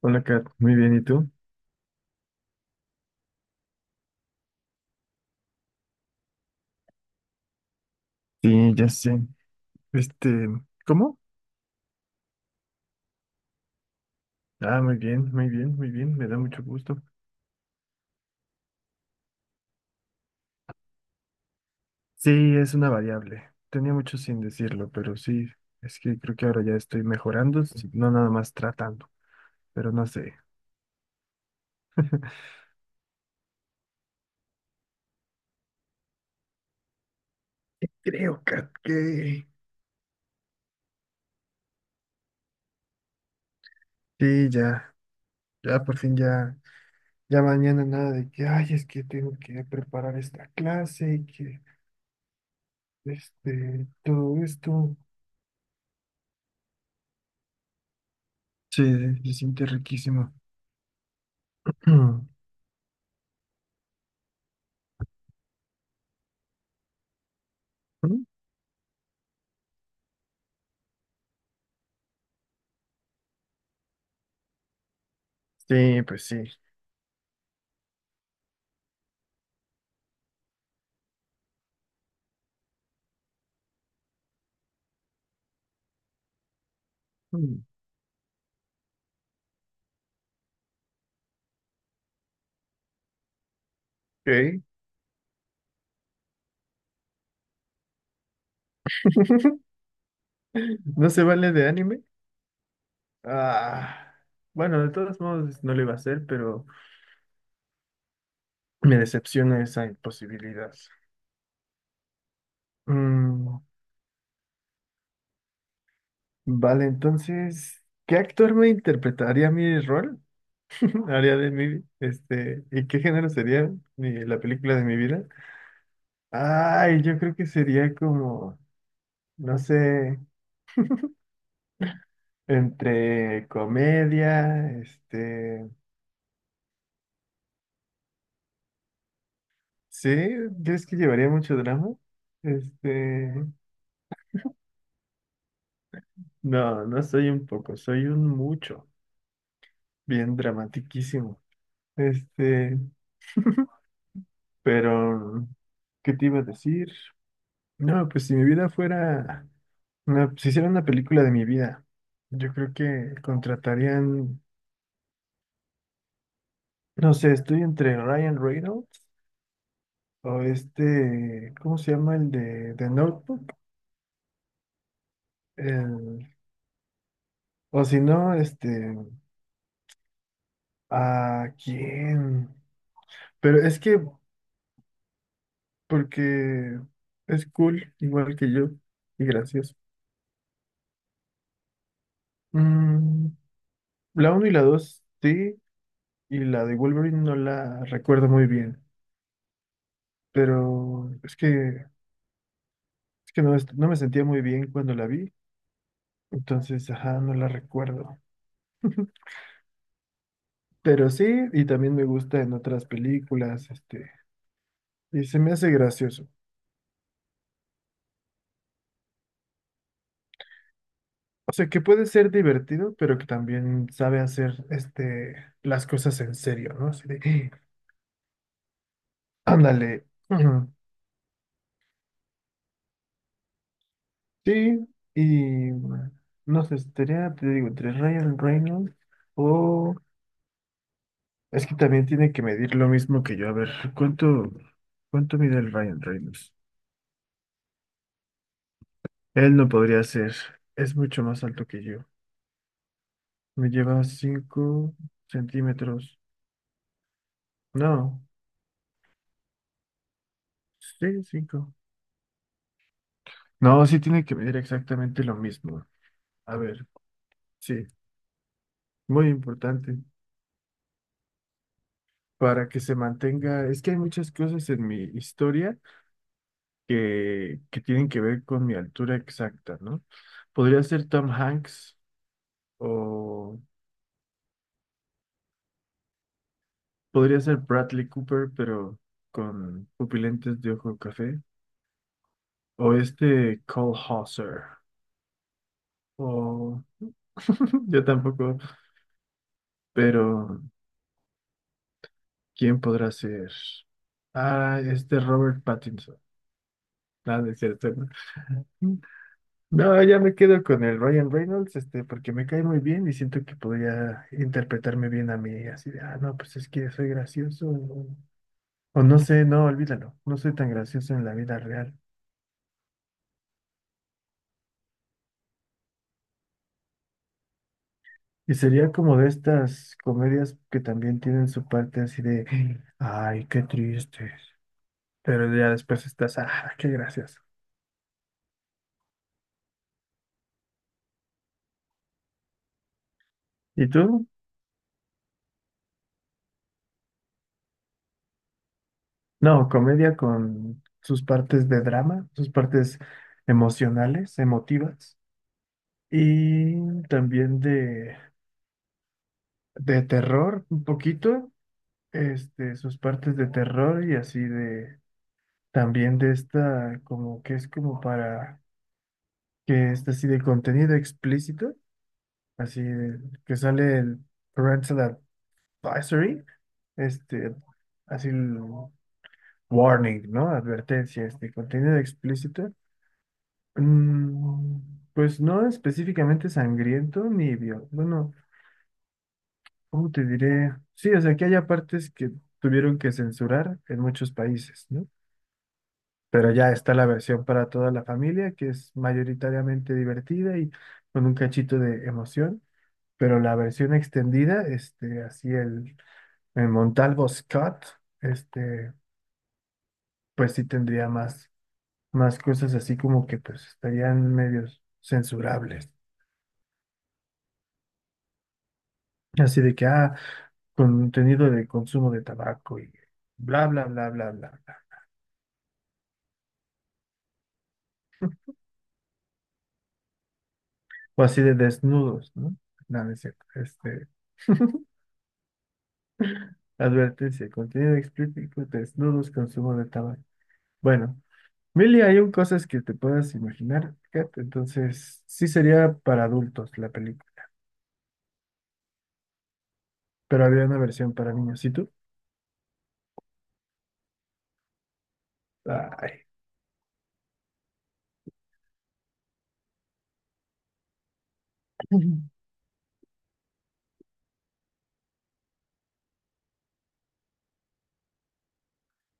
Hola, Kat. Muy bien, ¿y tú? Sí, ya sé. Este, ¿cómo? Ah, muy bien, muy bien, muy bien. Me da mucho gusto. Sí, es una variable. Tenía mucho sin decirlo, pero sí, es que creo que ahora ya estoy mejorando, si no nada más tratando, pero no sé. Creo, Kat, que... Sí, ya, ya por fin ya, ya mañana nada de que, ay, es que tengo que preparar esta clase y que, este, todo esto. Sí, se siente riquísimo. Sí, pues sí. Mm, ok. ¿No se vale de anime? Ah, bueno, de todos modos no lo iba a hacer, pero me decepciona esa imposibilidad. Mm, vale, entonces, ¿qué actor me interpretaría mi rol? ¿Haría de mí? Este, ¿y qué género sería la película de mi vida? Ay, yo creo que sería como, no sé, entre comedia, este, ¿sí? ¿Crees que llevaría mucho drama? Este, no, no soy un poco, soy un mucho, bien dramatiquísimo. Este, pero, ¿qué te iba a decir? No, pues si mi vida fuera, si hiciera una película de mi vida, yo creo que contratarían, no sé, estoy entre Ryan Reynolds o este, ¿cómo se llama el de Notebook? El- o si no, este, ¿a quién? Pero es que porque es cool, igual que yo, y gracioso. Mm, la uno y la 2 sí, y la de Wolverine no la recuerdo muy bien, pero es que no, no me sentía muy bien cuando la vi, entonces, ajá, no la recuerdo. Pero sí, y también me gusta en otras películas, este, y se me hace gracioso. O sea, que puede ser divertido, pero que también sabe hacer, este, las cosas en serio, ¿no? Así de, "Ah, ándale." Sí, y no sé, estaría, te digo, entre Ryan Reynolds o... Es que también tiene que medir lo mismo que yo. A ver, ¿cuánto, cuánto mide el Ryan Reynolds? Él no podría ser, es mucho más alto que yo. Me lleva 5 centímetros. No, sí, cinco. No, sí tiene que medir exactamente lo mismo. A ver, sí, muy importante. Para que se mantenga, es que hay muchas cosas en mi historia que tienen que ver con mi altura exacta, ¿no? Podría ser Tom Hanks o podría ser Bradley Cooper, pero con pupilentes de ojo café, o este Cole Hauser, o yo tampoco, pero ¿quién podrá ser? Ah, este Robert Pattinson. Nada, es cierto. ¿No? No, ya me quedo con el Ryan Reynolds, este, porque me cae muy bien y siento que podría interpretarme bien a mí, así de, ah, no, pues es que soy gracioso, o no sé, no, olvídalo, no soy tan gracioso en la vida real. Y sería como de estas comedias que también tienen su parte así de, ay, qué tristes, pero ya después estás, ah, qué gracioso. ¿Y tú? No, comedia con sus partes de drama, sus partes emocionales, emotivas. Y también de terror un poquito, este, sus partes de terror y así de, también de esta, como que es como para, que es así de contenido explícito, así de- que sale el parental advisory, este, así el warning, ¿no? Advertencia, este, contenido explícito. Mm, pues no específicamente sangriento ni violento, bueno. ¿Cómo te diré? Sí, o sea, que haya partes que tuvieron que censurar en muchos países, ¿no? Pero ya está la versión para toda la familia, que es mayoritariamente divertida y con un cachito de emoción. Pero la versión extendida, este, así el Montalvo Scott, este, pues sí tendría más, más cosas así como que pues estarían medios censurables. Así de que, ah, contenido de consumo de tabaco y bla, bla, bla, bla, bla. O así de desnudos, ¿no? No, no es cierto. Este, advertencia, contenido explícito, desnudos, consumo de tabaco. Bueno, Milly, hay un cosas que te puedas imaginar, Kat, entonces sí sería para adultos la película, pero había una versión para niños. ¿Y tú? Ay.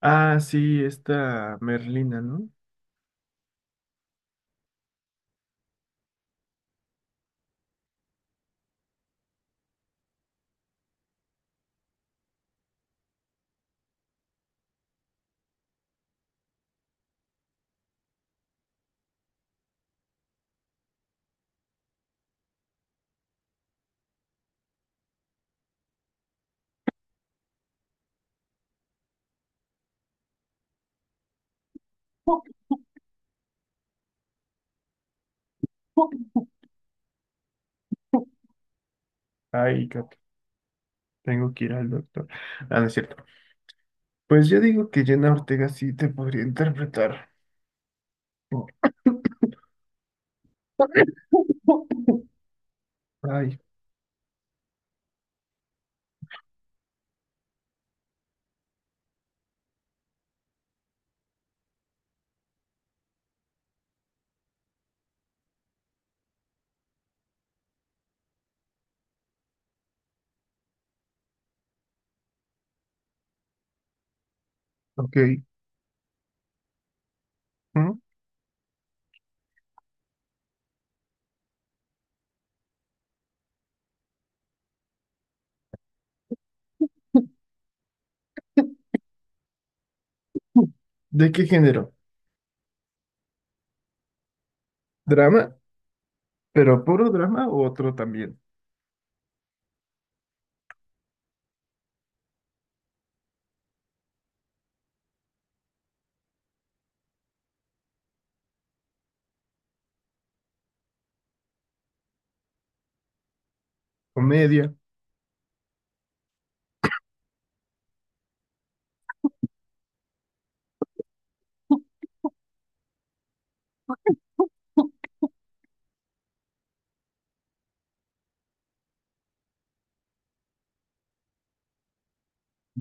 Ah, sí, esta Merlina, ¿no? Ay, Kat, tengo que ir al doctor. Ah, no es cierto. Pues yo digo que Jenna Ortega sí te podría interpretar. Ay, ok. ¿Mm? ¿De qué género? ¿Drama? ¿Pero puro drama o otro también? ¿Comedia?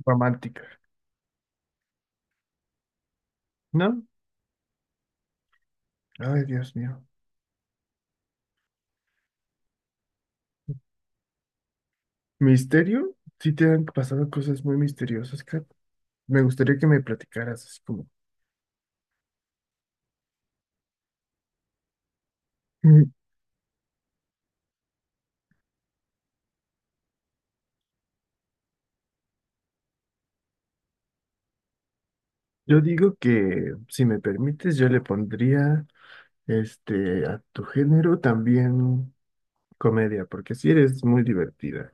¿Romántica? ¿No? Ay, Dios mío. ¿Misterio? Sí te han pasado cosas muy misteriosas, Kat. Me gustaría que me platicaras así como... Mm, yo digo que, si me permites, yo le pondría, este, a tu género también comedia, porque si eres muy divertida.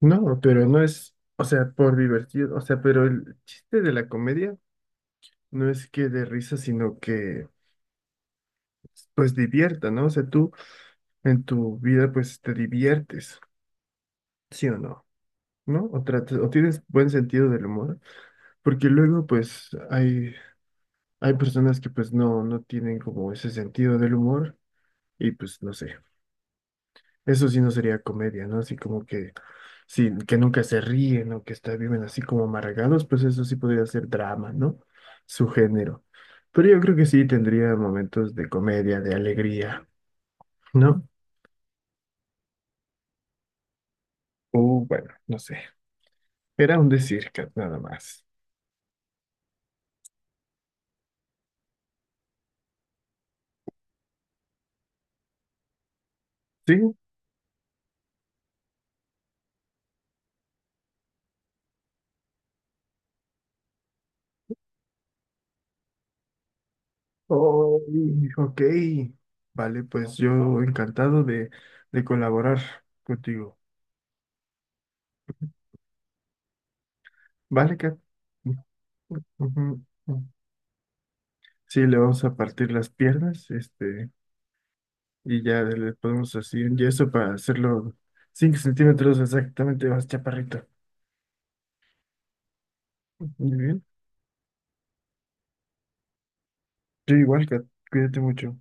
No, pero no es, o sea, por divertido, o sea, pero el chiste de la comedia no es que de risa, sino que pues divierta, ¿no? O sea, tú en tu vida pues te diviertes, ¿sí o no? ¿No? O tratas, o tienes buen sentido del humor, porque luego pues hay personas que pues no, no tienen como ese sentido del humor y pues no sé. Eso sí no sería comedia, ¿no? Así como que, sí, que nunca se ríen o que está, viven así como amargados, pues eso sí podría ser drama, ¿no? Su género. Pero yo creo que sí tendría momentos de comedia, de alegría. ¿No? O bueno, no sé. Era un decir, Kat, nada más. ¿Sí? Oh, ok. Vale, pues yo encantado de colaborar contigo. Vale, Kat. Ujú, ujú. Sí, le vamos a partir las piernas, este, y ya le podemos así un yeso para hacerlo 5 centímetros exactamente más chaparrito. Muy bien. Yo igual, Kat. Cuídate mucho.